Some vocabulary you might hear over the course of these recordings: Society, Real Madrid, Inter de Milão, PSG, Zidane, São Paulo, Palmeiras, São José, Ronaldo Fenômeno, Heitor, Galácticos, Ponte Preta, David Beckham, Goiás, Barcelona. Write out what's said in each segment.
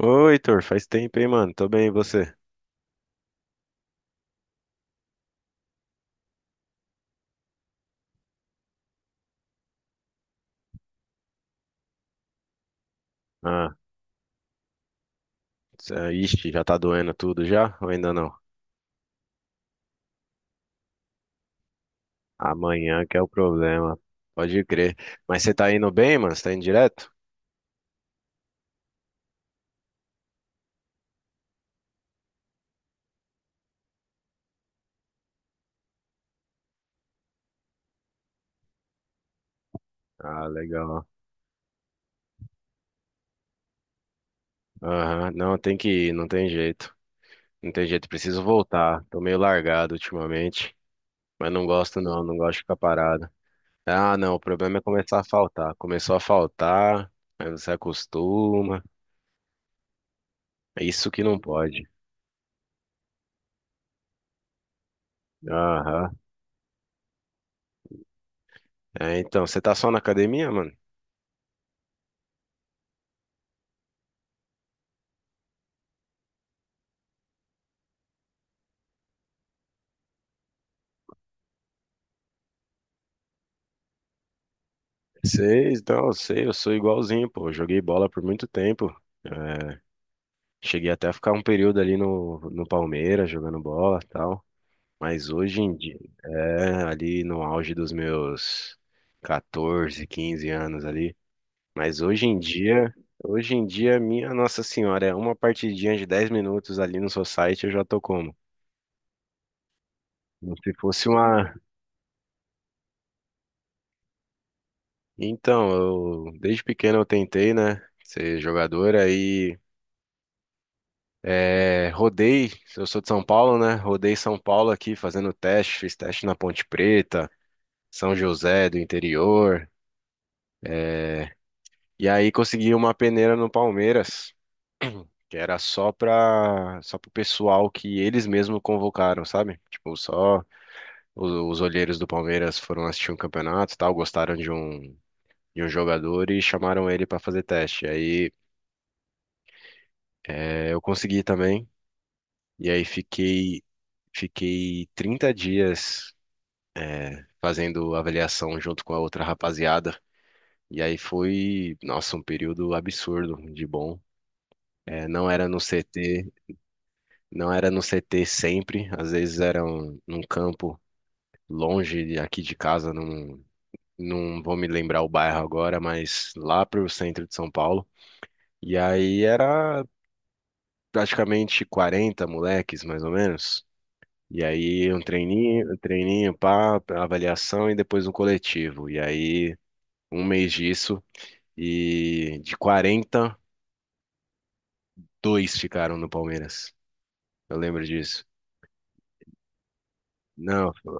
Oi, Heitor, faz tempo, hein, mano? Tô bem, e você? Ah, ixi, já tá doendo tudo já? Ou ainda não? Amanhã que é o problema. Pode crer. Mas você tá indo bem, mano? Você tá indo direto? Ah, legal. Aham, não, tem que ir, não tem jeito. Não tem jeito, preciso voltar. Tô meio largado ultimamente, mas não gosto não, não gosto de ficar parado. Ah, não, o problema é começar a faltar. Começou a faltar, aí você acostuma. É isso que não pode. Aham. É, então, você tá só na academia, mano? Sei, então, eu sei, eu sou igualzinho, pô. Eu joguei bola por muito tempo. É, cheguei até a ficar um período ali no Palmeiras jogando bola e tal. Mas hoje em dia, é, ali no auge dos meus 14, 15 anos ali. Mas hoje em dia, minha Nossa Senhora, é uma partidinha de 10 minutos ali no Society, eu já tô como? Como se fosse uma. Então, eu desde pequeno eu tentei, né? Ser jogador, aí. É, rodei, eu sou de São Paulo, né? Rodei São Paulo aqui fazendo teste, fiz teste na Ponte Preta, São José do interior. é, E aí consegui uma peneira no Palmeiras, que era só pro pessoal que eles mesmos convocaram, sabe? Tipo, só os olheiros do Palmeiras foram assistir um campeonato, e tal, gostaram de um jogador e chamaram ele para fazer teste. Aí eu consegui também. E aí fiquei 30 dias fazendo avaliação junto com a outra rapaziada. E aí foi, nossa, um período absurdo de bom. É, não era no CT, não era no CT sempre, às vezes era um, num campo longe aqui de casa, não vou me lembrar o bairro agora, mas lá pro centro de São Paulo. E aí era praticamente 40 moleques, mais ou menos. E aí um treininho, pá, avaliação e depois um coletivo. E aí um mês disso. E de 40 dois ficaram no Palmeiras. Eu lembro disso. Não, foi-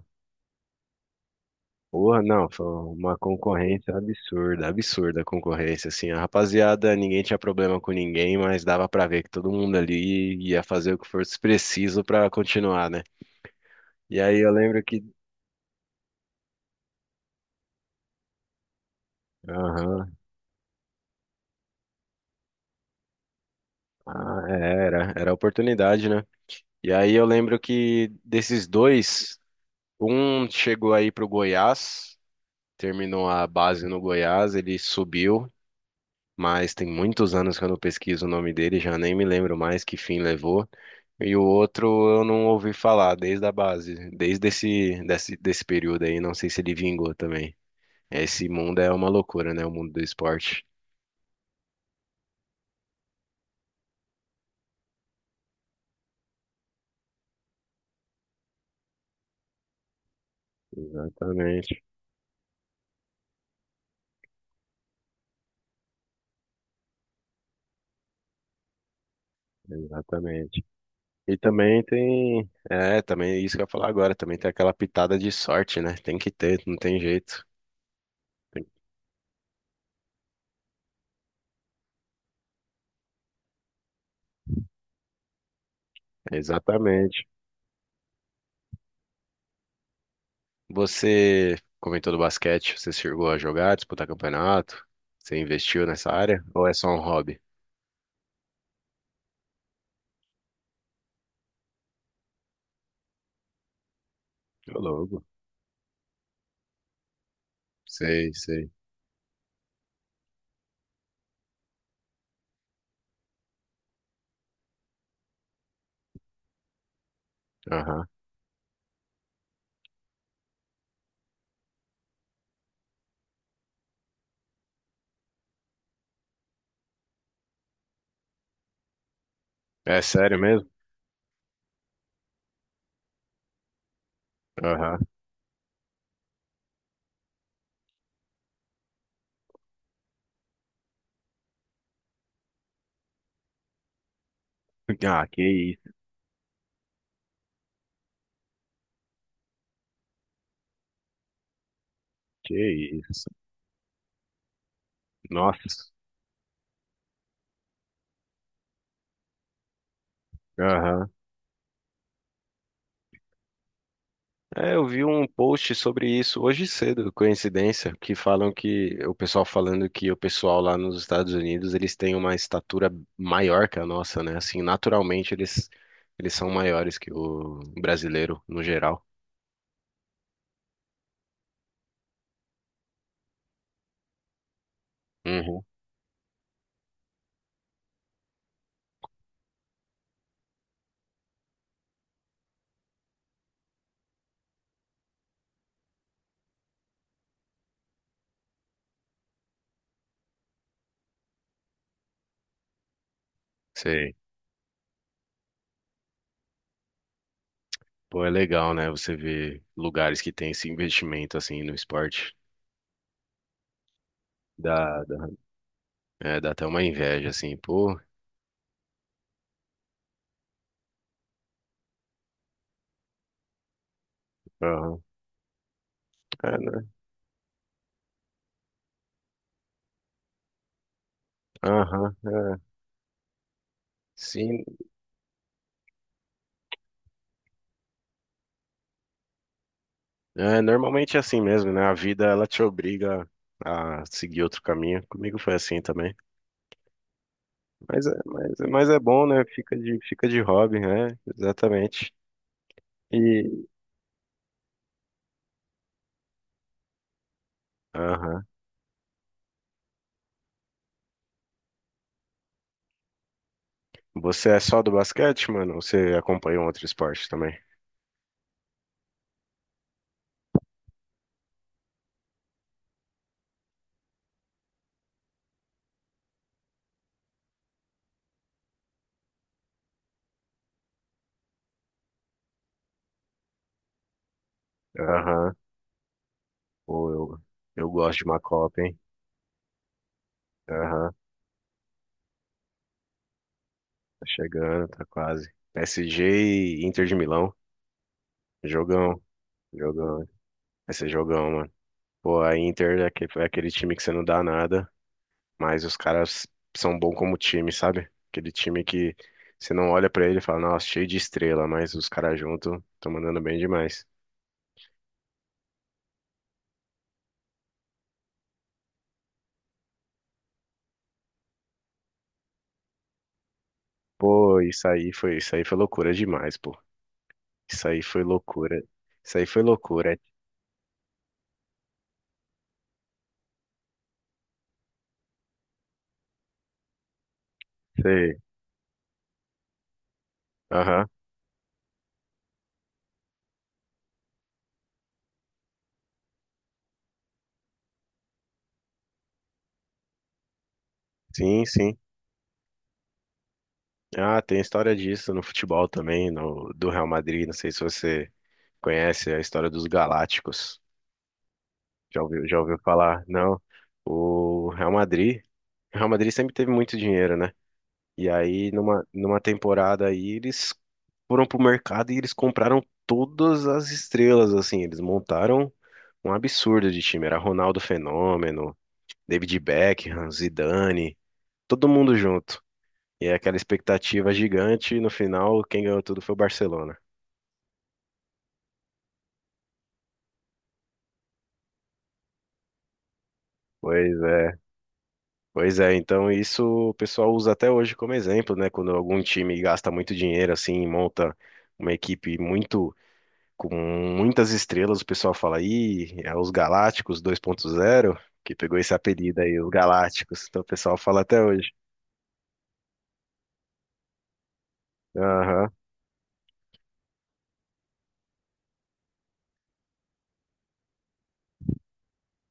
Porra, não, foi uma concorrência absurda, absurda a concorrência, assim, a rapaziada, ninguém tinha problema com ninguém, mas dava pra ver que todo mundo ali ia fazer o que fosse preciso pra continuar, né? E aí eu lembro que, aham, ah, é, era a oportunidade, né? E aí eu lembro que desses dois, um chegou aí pro Goiás, terminou a base no Goiás, ele subiu, mas tem muitos anos que eu não pesquiso o nome dele, já nem me lembro mais que fim levou. E o outro eu não ouvi falar desde a base, desse período aí, não sei se ele vingou também. Esse mundo é uma loucura, né? O mundo do esporte. Exatamente, exatamente. E também tem, é, também isso que eu ia falar agora, também tem aquela pitada de sorte, né? Tem que ter, não tem jeito. Exatamente. Você comentou do basquete, você chegou a jogar, disputar campeonato? Você investiu nessa área? Ou é só um hobby? Ô, louco. Sei, sei. Aham. É sério mesmo? Aham. Ah, que isso, que isso. Nossa. Aham. É, eu vi um post sobre isso hoje cedo, coincidência, que falam que o pessoal falando que o pessoal lá nos Estados Unidos, eles têm uma estatura maior que a nossa, né? Assim, naturalmente eles são maiores que o brasileiro no geral. Uhum. Sei. Pô, é legal, né? Você vê lugares que tem esse investimento assim no esporte. Dá, dá. É, dá até uma inveja, assim, pô. Aham. É, né? Aham, é. Sim. É, normalmente é assim mesmo, né? A vida ela te obriga a seguir outro caminho. Comigo foi assim também. Mas é, mas, mas é bom, né? Fica de hobby, né? Exatamente. E, aham. Você é só do basquete, mano? Ou você acompanha um outro esporte também? Aham. Pô, eu gosto de uma Copa, hein? Aham, tá chegando, tá quase. PSG e Inter de Milão. Jogão, jogão. Vai ser jogão, mano. Pô, a Inter é aquele time que você não dá nada, mas os caras são bons como time, sabe? Aquele time que você não olha pra ele e fala, nossa, cheio de estrela, mas os caras juntos estão mandando bem demais. Pô, isso aí foi loucura demais, pô. Isso aí foi loucura. Isso aí foi loucura. Sei. Aham. Sim, sim. Ah, tem história disso no futebol também, no, do Real Madrid. Não sei se você conhece a história dos Galácticos. Já ouviu falar? Não. O Real Madrid, o Real Madrid sempre teve muito dinheiro, né? E aí, numa temporada aí, eles foram pro mercado e eles compraram todas as estrelas, assim. Eles montaram um absurdo de time. Era Ronaldo Fenômeno, David Beckham, Zidane, todo mundo junto. E é aquela expectativa gigante. E no final, quem ganhou tudo foi o Barcelona. Pois é, pois é. Então isso o pessoal usa até hoje como exemplo, né? Quando algum time gasta muito dinheiro assim, monta uma equipe muito com muitas estrelas, o pessoal fala aí, é os Galácticos 2.0, que pegou esse apelido aí, os Galácticos. Então o pessoal fala até hoje. Aham.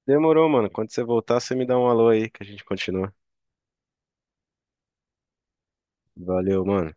Demorou, mano. Quando você voltar, você me dá um alô aí que a gente continua. Valeu, mano.